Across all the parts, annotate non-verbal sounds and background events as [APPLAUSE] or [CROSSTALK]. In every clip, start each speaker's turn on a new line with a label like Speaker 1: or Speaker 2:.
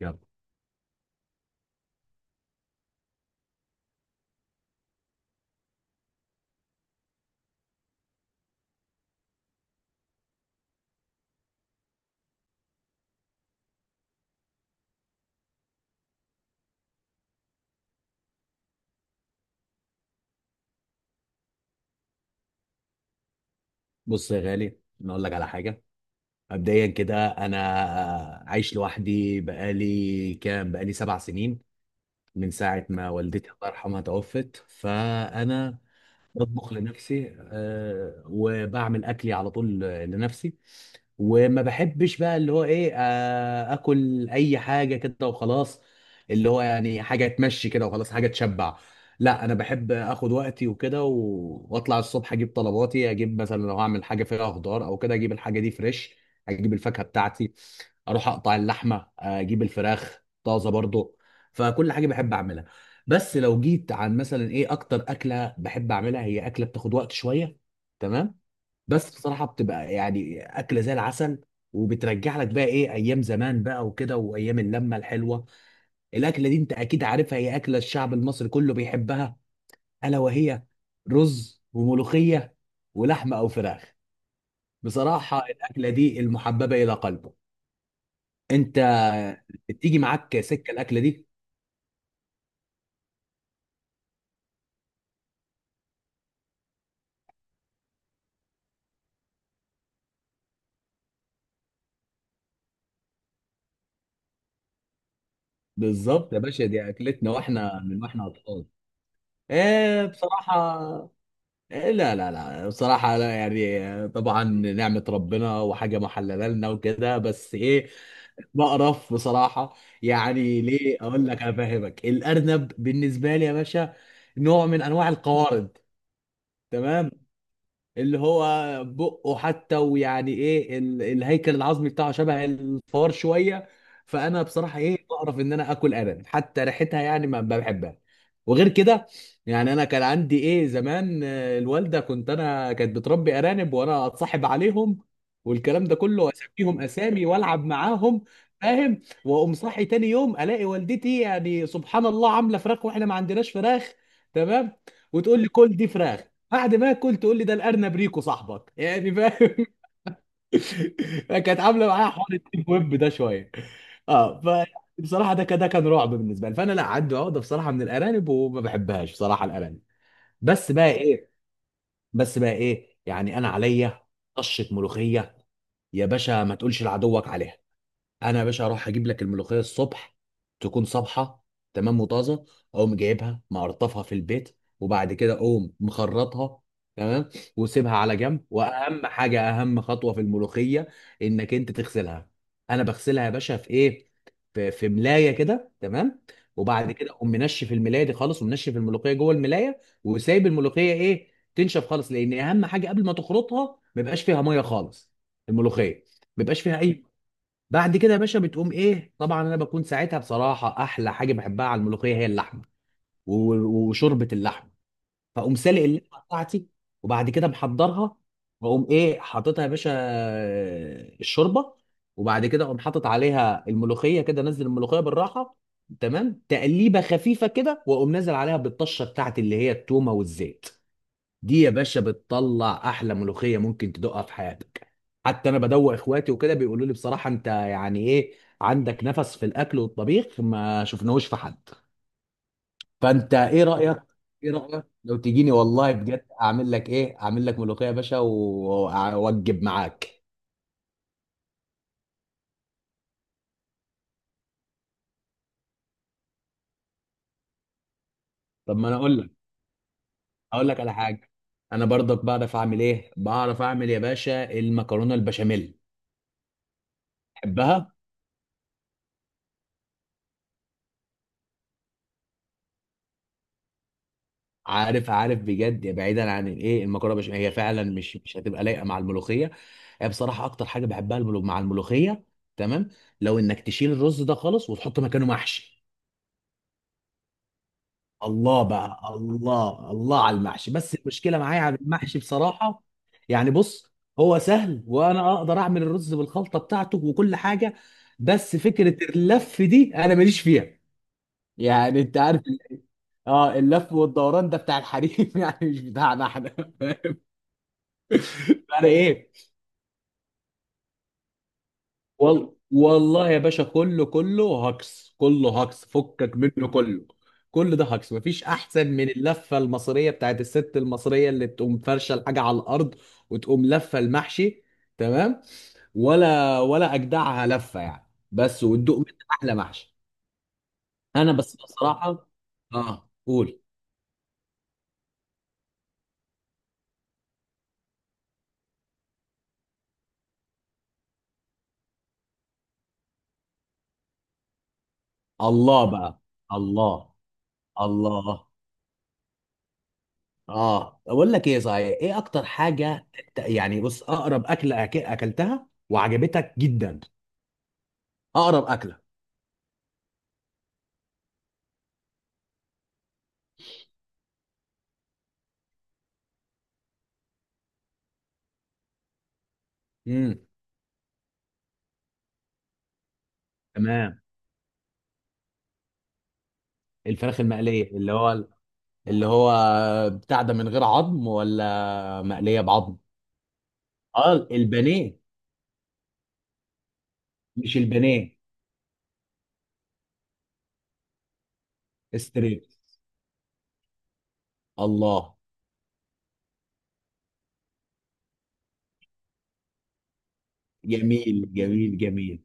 Speaker 1: يلا، بص يا غالي، انا اقول لك على حاجه. مبدئيا كده، انا عايش لوحدي بقالي 7 سنين، من ساعه ما والدتي الله يرحمها توفت. فانا بطبخ لنفسي، وبعمل اكلي على طول لنفسي. وما بحبش بقى اللي هو ايه، اكل اي حاجه كده وخلاص، اللي هو يعني حاجه تمشي كده وخلاص، حاجه تشبع. لا، انا بحب اخد وقتي وكده، واطلع الصبح اجيب طلباتي. اجيب مثلا لو هعمل حاجه فيها خضار او كده اجيب الحاجه دي فريش، اجيب الفاكهه بتاعتي، اروح اقطع اللحمه، اجيب الفراخ طازه برضو. فكل حاجه بحب اعملها. بس لو جيت عن مثلا ايه اكتر اكله بحب اعملها، هي اكله بتاخد وقت شويه، تمام؟ بس بصراحه بتبقى يعني اكله زي العسل، وبترجع لك بقى ايه ايام زمان بقى وكده، وايام اللمه الحلوه. الاكله دي انت اكيد عارفها، هي اكله الشعب المصري كله بيحبها، الا وهي رز وملوخيه، ولحمه او فراخ. بصراحه الاكله دي المحببه الى قلبه. انت بتيجي معاك سكه الاكله دي؟ بالظبط يا باشا، دي اكلتنا واحنا من واحنا اطفال. ايه بصراحة. إيه، لا لا لا بصراحة، لا يعني، طبعا نعمة ربنا وحاجة محللة لنا وكده، بس ايه، بقرف بصراحة. يعني ليه اقول لك افهمك؟ الارنب بالنسبة لي يا باشا نوع من انواع القوارض، تمام. اللي هو بقه حتى، ويعني ايه الهيكل العظمي بتاعه شبه الفار شويه. فانا بصراحه ايه بعرف ان انا اكل ارانب، حتى ريحتها يعني ما بحبها. وغير كده، يعني انا كان عندي ايه زمان، الوالده، كنت انا، كانت بتربي ارانب وانا اتصاحب عليهم والكلام ده كله، واسميهم اسامي والعب معاهم، فاهم. واقوم صاحي تاني يوم الاقي والدتي يعني سبحان الله عامله فراخ واحنا ما عندناش فراخ، تمام. وتقول لي كل دي فراخ، بعد ما اكل تقول لي ده الارنب ريكو صاحبك، يعني فاهم. [LAUGHS] كانت عامله معايا حوار الديب ويب ده شويه. اه ف، بصراحه ده كده كان رعب بالنسبه لي. فانا لا عندي عقده بصراحه من الارانب وما بحبهاش بصراحه الارانب. بس بقى ايه بس بقى ايه يعني انا عليا طشه ملوخيه، يا باشا ما تقولش لعدوك عليها. انا يا باشا اروح اجيب لك الملوخيه الصبح تكون صبحه، تمام، وطازه. اقوم جايبها مقرطفها في البيت، وبعد كده اقوم مخرطها، تمام، وسيبها على جنب. واهم حاجه، اهم خطوه في الملوخيه انك انت تغسلها. انا بغسلها يا باشا في ايه، في ملايه كده، تمام. وبعد كده اقوم منشف الملايه دي خالص، ومنشف الملوخيه جوه الملايه، وسايب الملوخيه ايه تنشف خالص، لان اهم حاجه قبل ما تخرطها ما يبقاش فيها ميه خالص. الملوخيه ما بيبقاش فيها اي. بعد كده يا باشا بتقوم ايه طبعا انا بكون ساعتها، بصراحه احلى حاجه بحبها على الملوخيه هي اللحمه و- وشوربه اللحمه. فاقوم سالق اللحمه بتاعتي، وبعد كده محضرها، واقوم ايه حاططها يا باشا، الشوربه، وبعد كده اقوم حاطط عليها الملوخيه كده، نزل الملوخيه بالراحه، تمام، تقليبه خفيفه كده، واقوم نازل عليها بالطشه بتاعتي اللي هي التومه والزيت. دي يا باشا بتطلع احلى ملوخيه ممكن تدوقها في حياتك. حتى انا بدوق اخواتي وكده بيقولوا لي بصراحه انت يعني ايه، عندك نفس في الاكل والطبيخ ما شفناهوش في حد. فانت ايه رايك؟ ايه رايك لو تجيني والله بجد اعمل لك ايه اعمل لك ملوخيه يا باشا، واوجب معاك. طب ما انا اقول لك على حاجه. انا برضك بعرف اعمل ايه، بعرف اعمل يا باشا المكرونه البشاميل. تحبها؟ عارف عارف بجد، بعيدا عن الايه، المكرونه البشاميل هي فعلا مش هتبقى لايقه مع الملوخيه. هي بصراحه اكتر حاجه بحبها مع الملوخيه، تمام، لو انك تشيل الرز ده خالص وتحط مكانه محشي. الله بقى، الله الله على المحشي، بس المشكله معايا على المحشي بصراحه، يعني بص، هو سهل وانا اقدر اعمل الرز بالخلطه بتاعته وكل حاجه، بس فكره اللف دي انا ماليش فيها. يعني انت عارف، اه اللف والدوران ده بتاع الحريم [LAUGHS] يعني مش بتاعنا احنا، فاهم؟ انا ايه، والله يا باشا كله كله هكس، كله هكس، فكك منه كله. كل ده هكس، مفيش احسن من اللفه المصريه بتاعت الست المصريه، اللي تقوم فرشه الحاجه على الارض وتقوم لفه المحشي، تمام. ولا اجدعها لفه يعني، بس، وتدوق منها احلى محشي. انا بس بصراحه، اه قول، الله بقى، الله الله. اه اقول لك ايه صحيح، ايه اكتر حاجه يعني بص، اقرب اكله اكلتها وعجبتك جدا. اقرب اكله. امم تمام، الفراخ المقليه، اللي هو، اللي هو بتاع ده من غير عظم، ولا مقليه بعظم؟ اه البانيه. مش البانيه. ستريبس. الله، جميل جميل جميل.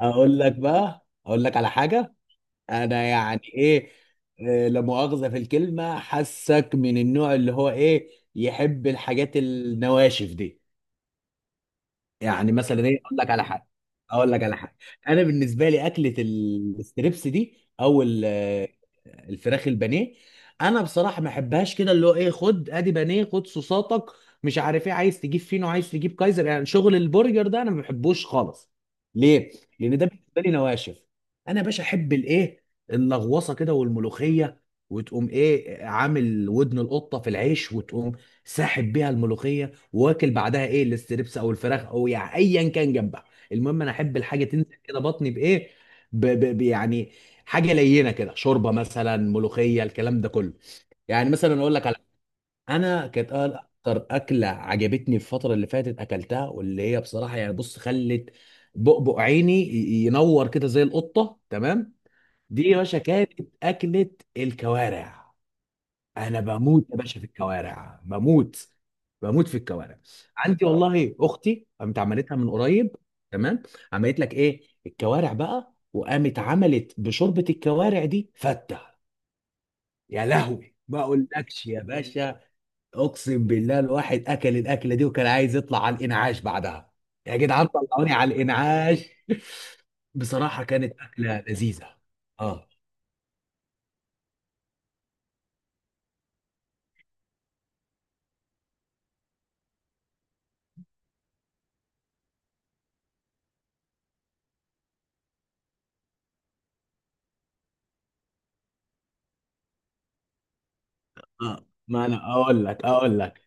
Speaker 1: اقول لك بقى، اقول لك على حاجه. انا يعني ايه، لا مؤاخذة في الكلمة، حاسك من النوع اللي هو ايه يحب الحاجات النواشف دي. يعني مثلا ايه، اقول لك على حاجه، اقول لك على حاجه. انا بالنسبه لي اكله الستريبس دي، او الفراخ البانيه، انا بصراحه ما احبهاش، كده اللي هو ايه، خد ادي بانيه، خد صوصاتك، مش عارف ايه، عايز تجيب فينو، عايز تجيب كايزر، يعني شغل البرجر ده انا ما بحبوش خالص. ليه؟ لان ده بالنسبه لي نواشف. انا يا باشا احب الايه، اللغوصه كده والملوخيه، وتقوم ايه عامل ودن القطه في العيش وتقوم ساحب بيها الملوخيه، واكل بعدها ايه الاستريبس او الفراخ او يعني ايا كان جنبها. المهم انا احب الحاجه تنزل كده بطني بايه ب ب ب يعني حاجه لينه كده، شوربه مثلا، ملوخيه، الكلام ده كله. يعني مثلا اقول لك على، انا كانت اكتر اكله عجبتني الفتره اللي فاتت اكلتها، واللي هي بصراحه يعني بص خلت بؤبؤ عيني ينور كده زي القطه، تمام. دي يا باشا كانت اكله الكوارع. انا بموت يا باشا في الكوارع، بموت، بموت في الكوارع. عندي اه والله اختي قامت عملتها من قريب، تمام. عملت لك ايه الكوارع بقى، وقامت عملت بشوربه الكوارع دي فته. يا لهوي ما اقولكش يا باشا، اقسم بالله الواحد اكل الاكله دي وكان عايز يطلع على الانعاش بعدها. يا جدعان طلعوني على الانعاش. [LAUGHS] بصراحه كانت اكله لذيذه. اه اه ما انا اقول لك.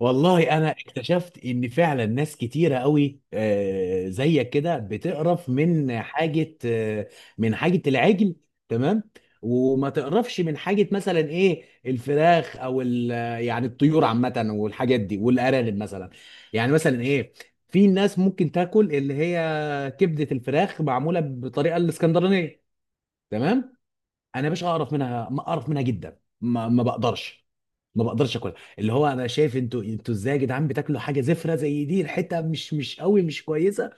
Speaker 1: والله انا اكتشفت ان فعلا ناس كتيره قوي، زيك كده بتقرف من حاجه، من حاجه العجل، تمام، وما تقرفش من حاجه مثلا ايه الفراخ او يعني الطيور عامه والحاجات دي والارانب مثلا. يعني مثلا ايه، في ناس ممكن تاكل اللي هي كبده الفراخ معموله بطريقه الاسكندرانيه، تمام. انا يا باشا اقرف منها، ما اقرف منها جدا، ما بقدرش، ما بقدرش اكلها. اللي هو انا شايف انتوا ازاي يا جدعان بتاكلوا حاجه زفره زي دي، ريحتها مش قوي، مش كويسه،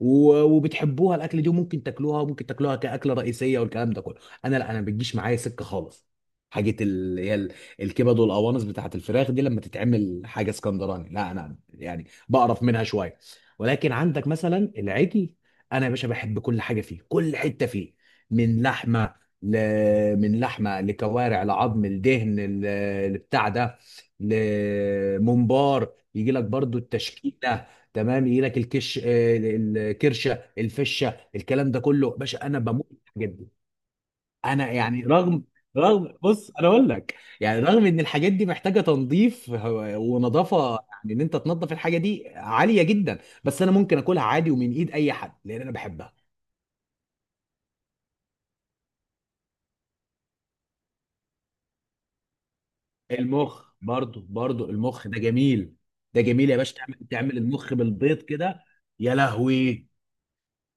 Speaker 1: وبتحبوها الاكل دي، وممكن تاكلوها كاكله رئيسيه، والكلام ده كله. انا لا، انا ما بتجيش معايا سكه خالص، حاجه هي الكبد والقوانص بتاعت الفراخ دي لما تتعمل حاجه اسكندراني لا، انا يعني بقرف منها شويه. ولكن عندك مثلا العجل، انا يا باشا بحب كل حاجه فيه، كل حته فيه، من لحمه، من لحمه لكوارع لعظم لدهن، لبتاع ده، لممبار، يجي لك برضو التشكيله، تمام. يجي لك الكش، الكرشه، الفشه، الكلام ده كله باشا، انا بموت في الحاجات دي. انا يعني رغم بص انا اقول لك، يعني رغم ان الحاجات دي محتاجه تنظيف ونظافه، يعني ان انت تنظف الحاجه دي عاليه جدا، بس انا ممكن اكلها عادي ومن ايد اي حد لان انا بحبها. المخ برضو المخ ده جميل، ده جميل يا باشا تعمل المخ بالبيض كده. يا لهوي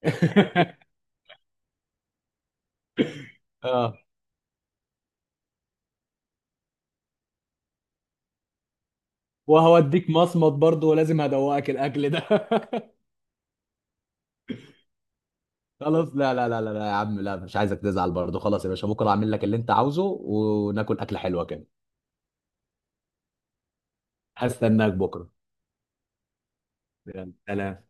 Speaker 1: [LAUGHS] اه، وهوديك مصمت برضو، ولازم هدوقك الاكل ده [LAUGHS] خلاص، لا لا لا لا لا يا عم، لا مش عايزك تزعل برضو. خلاص يا باشا، بكره اعمل لك اللي انت عاوزه، وناكل اكله حلوه كده. هستناك بكره. يلا سلام.